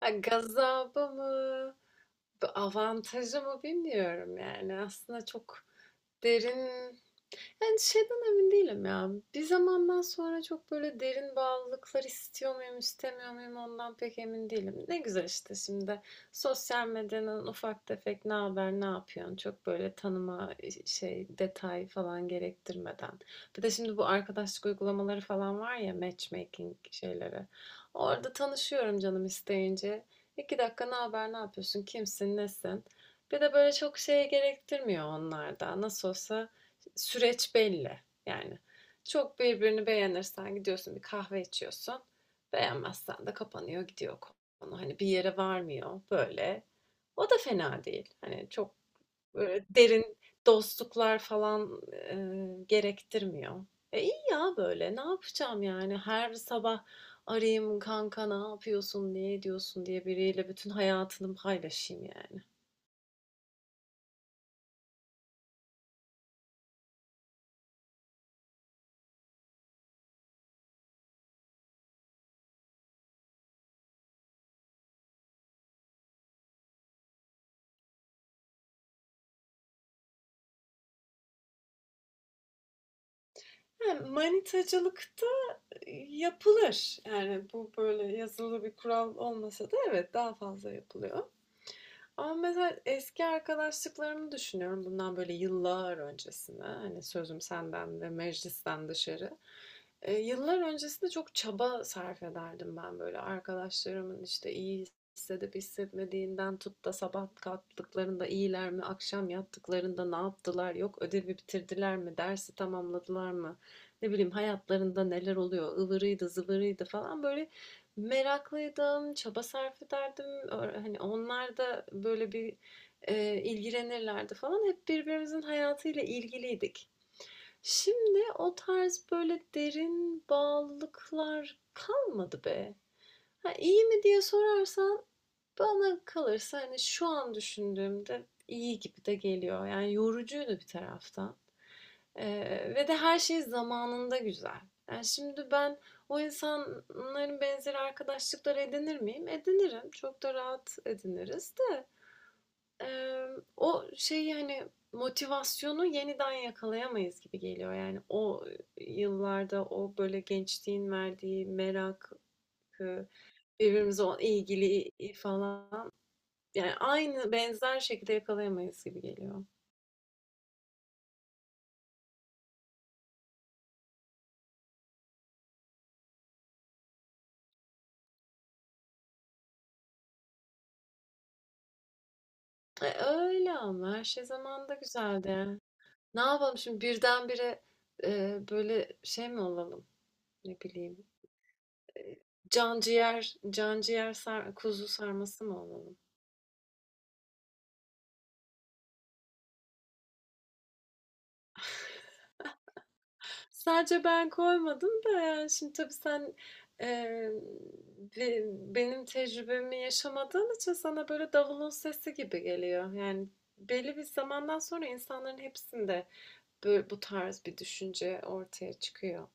Ha, gazabı mı, bir avantajı mı bilmiyorum yani. Aslında çok derin yani, şeyden emin değilim ya. Bir zamandan sonra çok böyle derin bağlılıklar istiyor muyum, istemiyor muyum ondan pek emin değilim. Ne güzel işte şimdi sosyal medyanın ufak tefek ne haber, ne yapıyorsun çok böyle tanıma, şey, detay falan gerektirmeden. Bir de şimdi bu arkadaşlık uygulamaları falan var ya, matchmaking şeyleri. Orada tanışıyorum canım isteyince. 2 dakika ne haber, ne yapıyorsun, kimsin, nesin? Bir de böyle çok şey gerektirmiyor onlarda. Nasıl olsa süreç belli. Yani çok birbirini beğenirsen gidiyorsun bir kahve içiyorsun. Beğenmezsen de kapanıyor gidiyor konu. Hani bir yere varmıyor böyle. O da fena değil. Hani çok böyle derin dostluklar falan gerektirmiyor. E iyi ya böyle. Ne yapacağım yani? Her sabah arayayım kanka ne yapıyorsun, ne ediyorsun diye biriyle bütün hayatını paylaşayım yani. Yani manitacılık yapılır. Yani, bu böyle yazılı bir kural olmasa da evet, daha fazla yapılıyor. Ama mesela eski arkadaşlıklarımı düşünüyorum bundan böyle yıllar öncesine. Hani, sözüm senden ve meclisten dışarı. Yıllar öncesinde çok çaba sarf ederdim ben, böyle, arkadaşlarımın, işte, iyi hissedip hissetmediğinden tut da sabah kalktıklarında iyiler mi, akşam yattıklarında ne yaptılar, yok ödevi bitirdiler mi, dersi tamamladılar mı, ne bileyim hayatlarında neler oluyor, ıvırıydı zıvırıydı falan, böyle, meraklıydım, çaba sarf ederdim. Hani, onlar da böyle bir, ilgilenirlerdi falan. Hep birbirimizin hayatıyla ilgiliydik. Şimdi o tarz böyle derin bağlılıklar kalmadı be. Ha, iyi mi diye sorarsan bana kalırsa hani şu an düşündüğümde iyi gibi de geliyor. Yani yorucuydu bir taraftan. Ve de her şey zamanında güzel. Yani şimdi ben o insanların benzeri arkadaşlıkları edinir miyim? Edinirim. Çok da rahat ediniriz de. Eee, o şeyi, hani, motivasyonu yeniden yakalayamayız gibi geliyor. Yani o yıllarda o, böyle, gençliğin verdiği merak, birbirimize olan ilgili falan, yani aynı, benzer şekilde yakalayamayız gibi geliyor. E, öyle ama her şey zamanında güzeldi. Ne yapalım şimdi birdenbire, böyle, şey mi olalım, ne bileyim, can ciğer can ciğer sar kuzu sarması mı olalım? Sadece ben koymadım da yani şimdi tabii sen eee, be- benim tecrübemi yaşamadığın için sana böyle davulun sesi gibi geliyor. Yani belli bir zamandan sonra insanların hepsinde böyle bu tarz bir düşünce ortaya çıkıyor.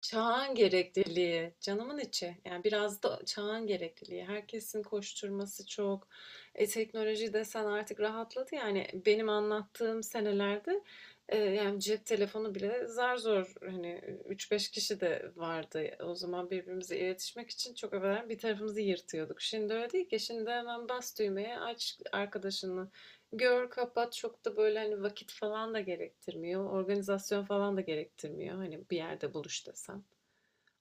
Çağın gerekliliği, canımın içi. Yani biraz da çağın gerekliliği. Herkesin koşturması çok. E, teknoloji desen artık rahatladı. Yani benim anlattığım senelerde yani cep telefonu bile zar zor hani üç beş kişi de vardı. O zaman birbirimize iletişmek için çok evvelen bir tarafımızı yırtıyorduk. Şimdi öyle değil ki. Şimdi hemen bas düğmeye aç arkadaşını. Gör, kapat çok da böyle hani vakit falan da gerektirmiyor. Organizasyon falan da gerektirmiyor. Hani bir yerde buluş desem.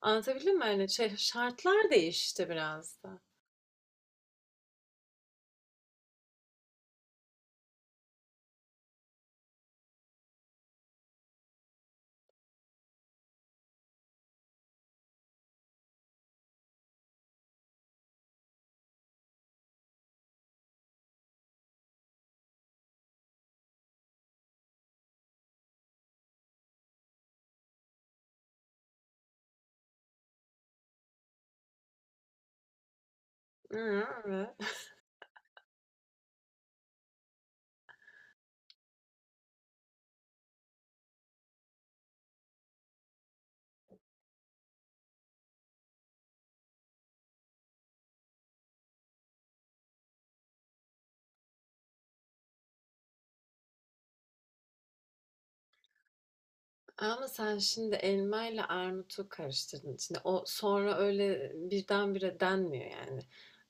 Anlatabildim mi? Hani şey, şartlar değişti biraz da. Hı, evet. Ama sen şimdi elma ile armutu karıştırdın. Şimdi o sonra öyle birdenbire denmiyor yani.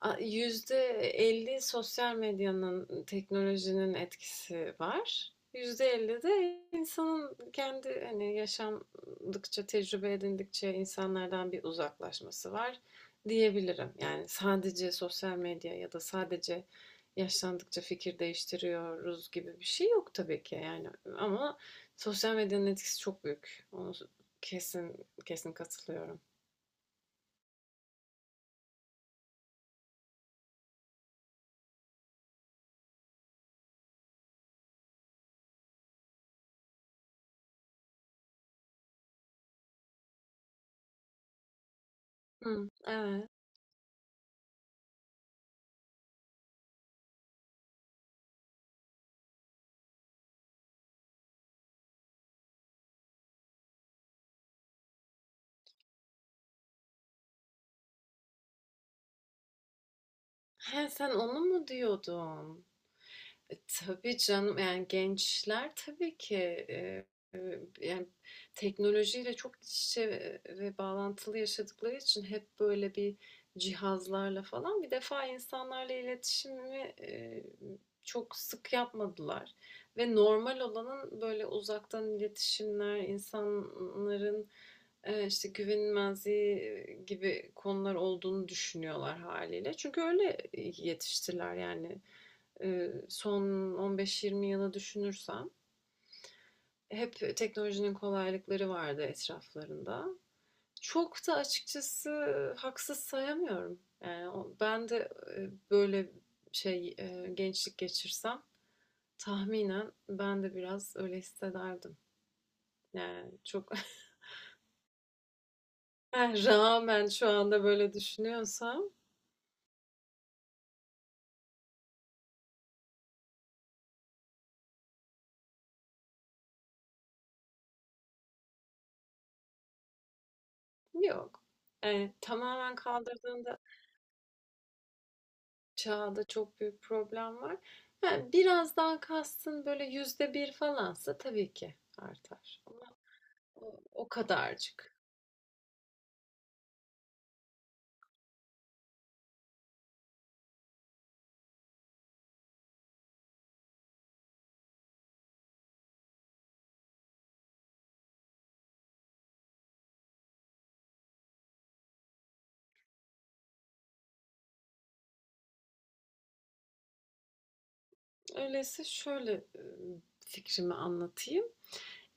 Yüzde elli sosyal medyanın, teknolojinin etkisi var. Yüzde elli de insanın kendi hani yaşamdıkça, tecrübe edindikçe insanlardan bir uzaklaşması var diyebilirim. Yani sadece sosyal medya ya da sadece yaşlandıkça fikir değiştiriyoruz gibi bir şey yok tabii ki yani ama sosyal medyanın etkisi çok büyük. Onu kesin kesin katılıyorum. Hı, evet. He, sen onu mu diyordun? E, tabii canım yani gençler tabii ki e, e, yani teknolojiyle çok iç içe ve bağlantılı yaşadıkları için hep böyle bir cihazlarla falan bir defa insanlarla iletişimi çok sık yapmadılar. Ve normal olanın böyle uzaktan iletişimler, insanların işte güvenilmezliği gibi konular olduğunu düşünüyorlar haliyle. Çünkü öyle, yetiştiler yani. Son 15-20 yılı düşünürsem hep teknolojinin kolaylıkları vardı etraflarında. Çok da açıkçası haksız sayamıyorum. Yani ben de, böyle şey, gençlik geçirsem tahminen ben de biraz öyle hissederdim. Yani çok rağmen şu anda böyle düşünüyorsam. Yok. Yani tamamen kaldırdığında. Çağda çok büyük problem var. Ha, biraz daha kastın böyle yüzde bir falansa tabii ki artar. Ama o, o kadarcık. Öyleyse şöyle fikrimi anlatayım.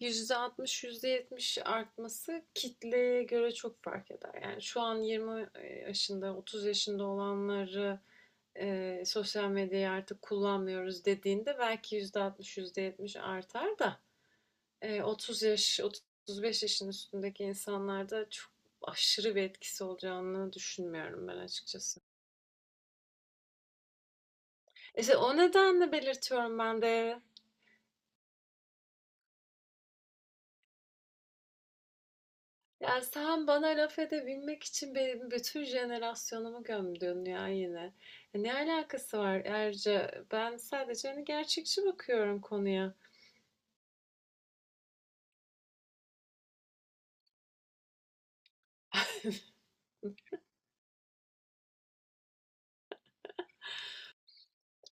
%60, %70 artması kitleye göre çok fark eder. Yani şu an 20 yaşında, 30 yaşında olanları sosyal medyayı artık kullanmıyoruz dediğinde belki %60, %70 artar da 30 yaş, 35 yaşın üstündeki insanlarda çok aşırı bir etkisi olacağını düşünmüyorum ben açıkçası. İşte o nedenle belirtiyorum ben de. Ya sen bana laf edebilmek için benim bütün jenerasyonumu gömdün ya yine. Ya, ne alakası var Erce? Ben sadece hani gerçekçi bakıyorum konuya.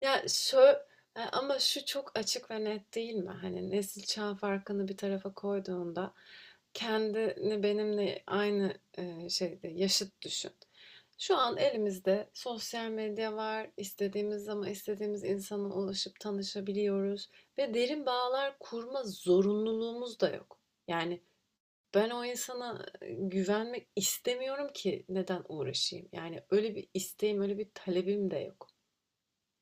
Ya şu ama şu çok açık ve net değil mi? Hani nesil çağ farkını bir tarafa koyduğunda kendini benimle aynı şeyde yaşıt düşün. Şu an elimizde sosyal medya var. İstediğimiz zaman istediğimiz insana ulaşıp tanışabiliyoruz ve derin bağlar kurma zorunluluğumuz da yok. Yani ben o insana güvenmek istemiyorum ki neden uğraşayım? Yani öyle bir isteğim, öyle bir talebim de yok.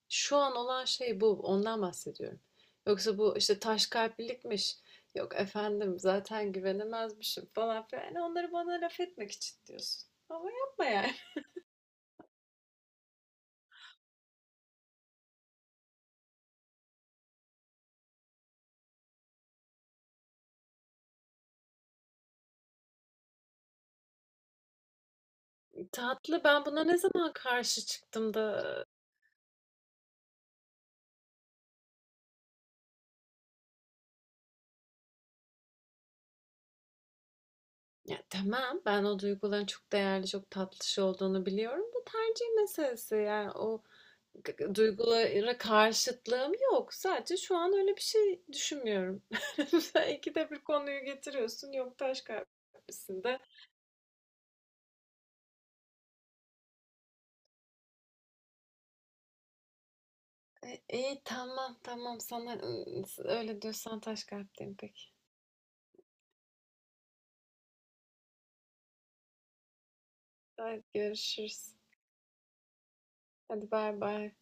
Şu an olan şey bu. Ondan bahsediyorum. Yoksa bu işte taş kalplilikmiş. Yok efendim zaten güvenemezmişim falan filan. Yani onları bana laf etmek için diyorsun. Ama yapma yani. Tatlı ben buna ne zaman karşı çıktım da ya tamam ben o duyguların çok değerli çok tatlı şey olduğunu biliyorum da tercih meselesi yani o duygulara karşıtlığım yok sadece şu an öyle bir şey düşünmüyorum. Sen ikide bir konuyu getiriyorsun yok taş kalplisin de. E, iyi tamam tamam sana öyle diyorsan taş kalpteyim peki. Hadi görüşürüz. Hadi bay bay.